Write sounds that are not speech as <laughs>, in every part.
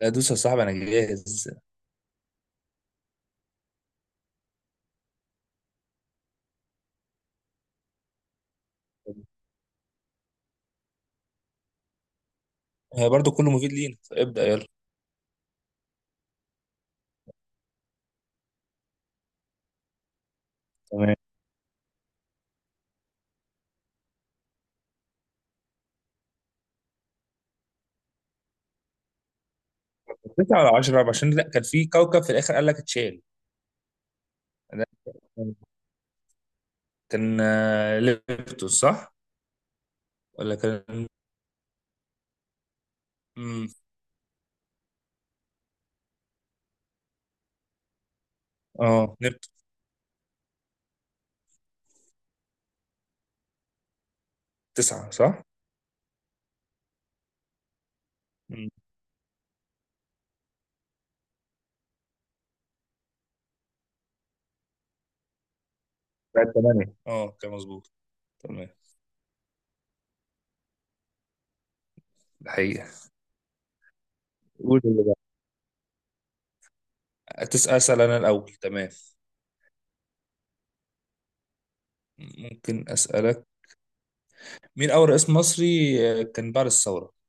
لا، دوس يا صاحبي. انا جاهز. هي برضو كله مفيد لينا. ابدأ يلا. تمام. تسعة ولا عشرة، عشان لا كان في كوكب في الآخر قال لك اتشال. ده كان نبتون، صح ولا كان؟ مم. اه، نبتون. تسعة صح؟ مم. لا، تمام. اه، كان مظبوط. تمام. الحقيقة. قول اللي بقى. أسأل أنا الأول. تمام. ممكن أسألك. مين أول رئيس مصري كان بعد الثورة؟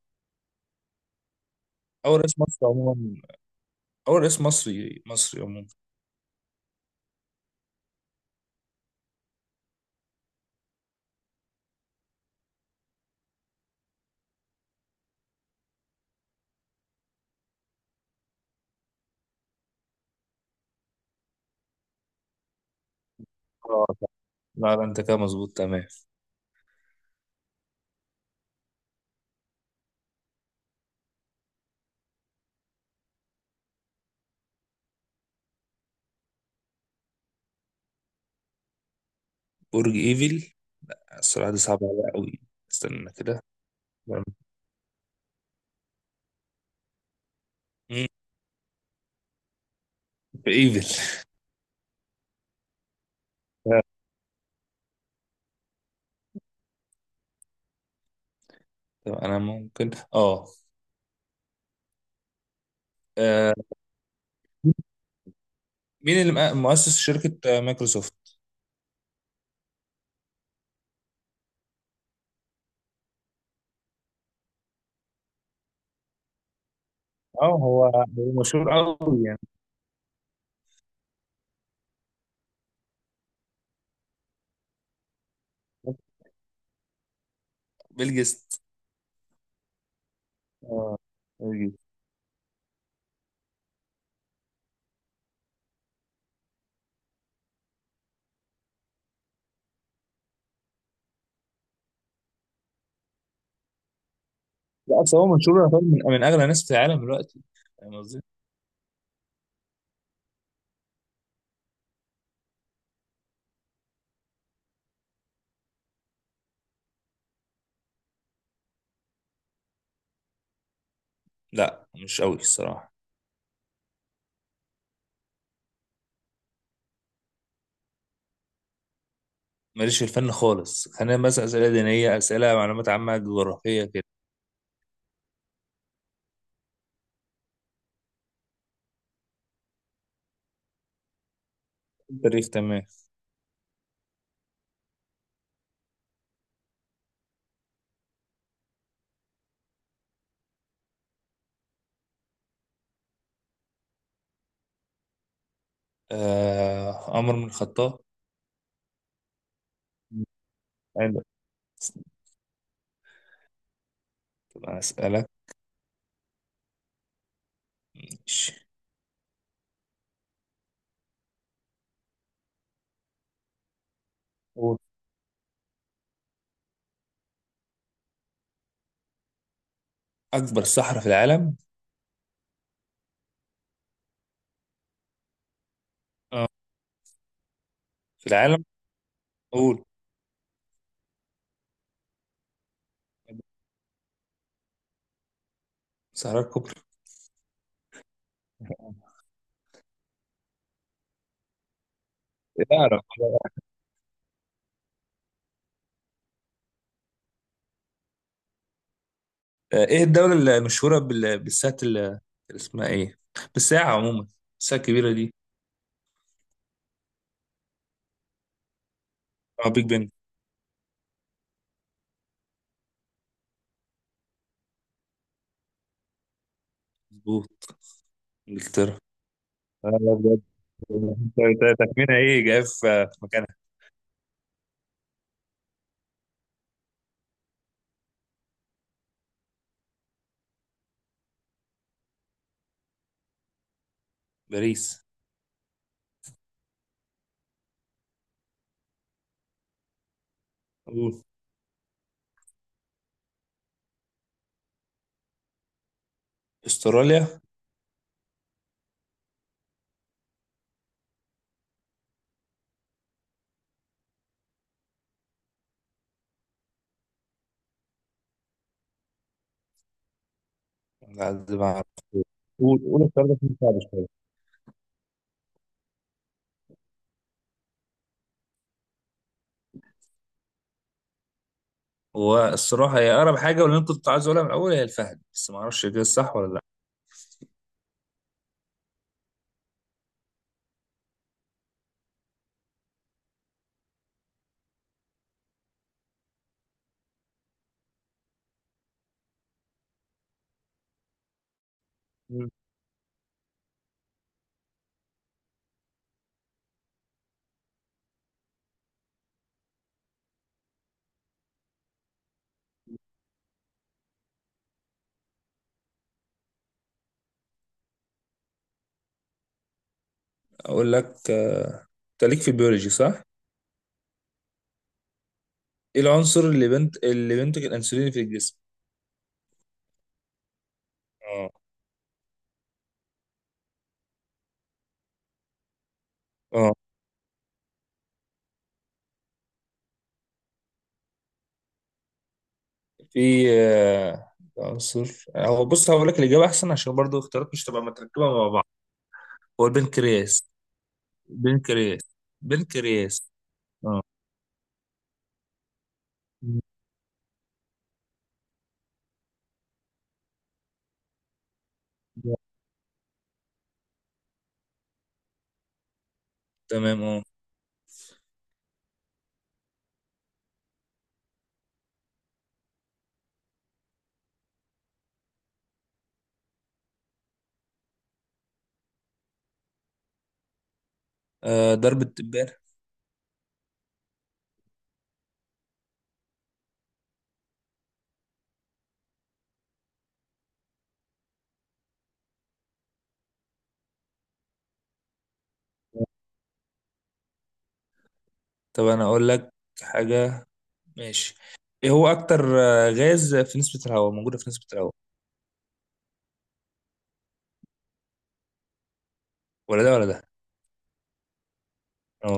أول رئيس مصري عموما. أول رئيس مصري عموما. اه، صح. لا، لا، أنت كده مظبوط. تمام. برج ايفل. السرعة دي صعبة عليا قوي. استنى كده. مم. في ايفل. <laughs> طب انا ممكن اه. آه، مين اللي مؤسس شركة مايكروسوفت؟ اه، هو مشهور قوي يعني. بيل جيتس. اه، بيل جيتس. لا، اصل هو مشهور، يعتبر من اغنى الناس في العالم دلوقتي. فاهم قصدي؟ لا، مش قوي الصراحة. ماليش في الفن خالص. خلينا بس اسئلة دينية، اسئلة معلومات عامة، جغرافية كده. التاريخ تمام. عمر بن الخطاب. حلو. أسألك. ماشي. قول. أكبر صحراء في العالم. اه، في العالم. قول. صحراء الكبرى. لا أعرف. إيه الدولة المشهورة بالساعة اللي اسمها إيه، بالساعة عموما، الساعة الكبيرة دي؟ اه، بيج بن. مظبوط. إنجلترا. لا، لا، بجد. انت تخمينها إيه، جاي في مكانها. باريس. قول. استراليا. على قد ما أعرف. قول قول، استراليا دي صعبة شوية. والصراحة هي أقرب حاجة، واللي أنا كنت عايز أقولها من الأول هي الفهد، بس ما أعرفش كده صح ولا لأ. اقول لك. انت ليك في البيولوجي، صح؟ ايه العنصر اللي بينتج الانسولين في الجسم؟ اه. اه. في آه، عنصر، هو بص هقول لك الاجابه احسن، عشان برضو اختيارات مش تبقى متركبه مع بعض. هو البنكرياس. بنكرياس. بنكرياس. اه. تمام، اه. ضرب التبان. طب انا اقول لك حاجه. ماشي. ايه هو اكتر غاز في نسبه الهواء، موجوده في نسبه الهواء؟ ولا ده ولا ده. اه.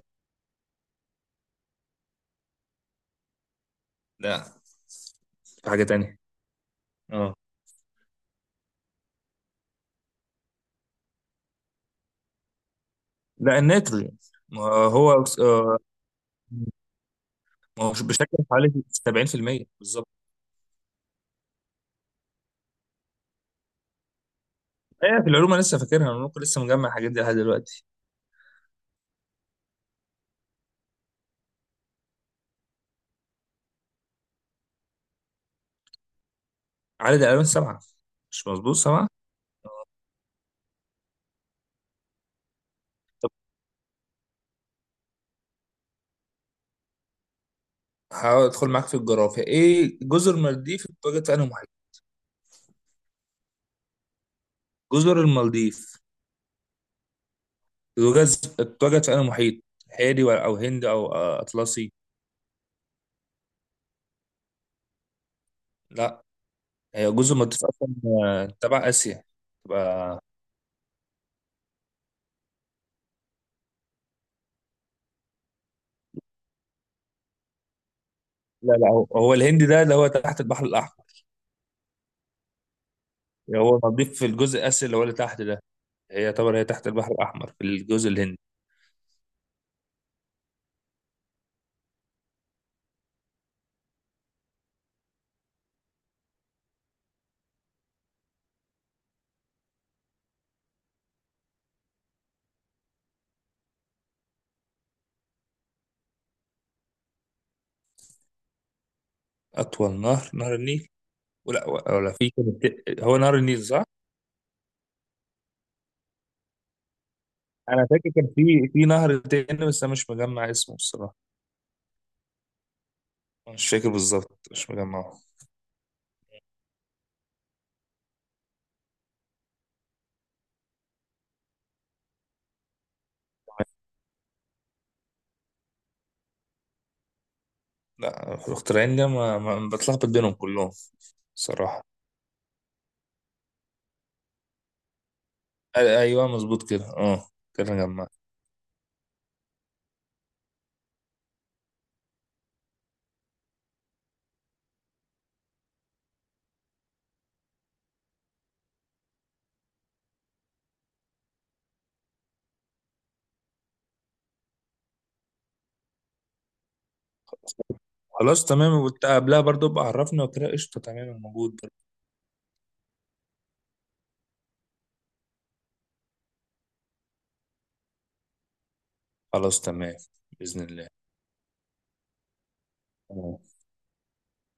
لا، في حاجه تانية. اه. لا، الناتروجين. ما هو. ما هو بشكل حوالي 70% بالظبط. ايه، في العلوم انا لسه فاكرها. انا ممكن لسه مجمع الحاجات دي لحد دلوقتي. عدد الالوان سبعه. مش مظبوط، سبعه؟ طب هحاول ادخل معاك في الجغرافيا. ايه، جزر المالديف اتوجد في انهي محيط؟ جزر المالديف اتوجد اتوجد في انهي محيط؟ هادي او هند او اطلسي؟ لا. هي جزر المالديف اصلا تبع اسيا تبقى. لا، لا، هو الهند ده اللي هو تحت البحر الاحمر. يعني هو المالديف في الجزء الاسيا، اللي هو اللي تحت ده. هي طبعا هي تحت البحر الأحمر، في الجزء الهندي. أطول نهر، نهر النيل. ولا في كان هو نهر النيل صح؟ أنا فاكر كان في نهر تاني، بس أنا مش مجمع اسمه الصراحة. مش فاكر بالظبط، مش مجمعه. لا، الاختراعين ده ما بتلخبط بينهم كلهم. صراحة. أيوه، مظبوط كده، أه. كده جمعت. خلاص تمام، وقلت قبلها برضو ابقى عرفني وكده. قشطة، تمام، موجود برضو. خلاص تمام. بإذن الله. آه.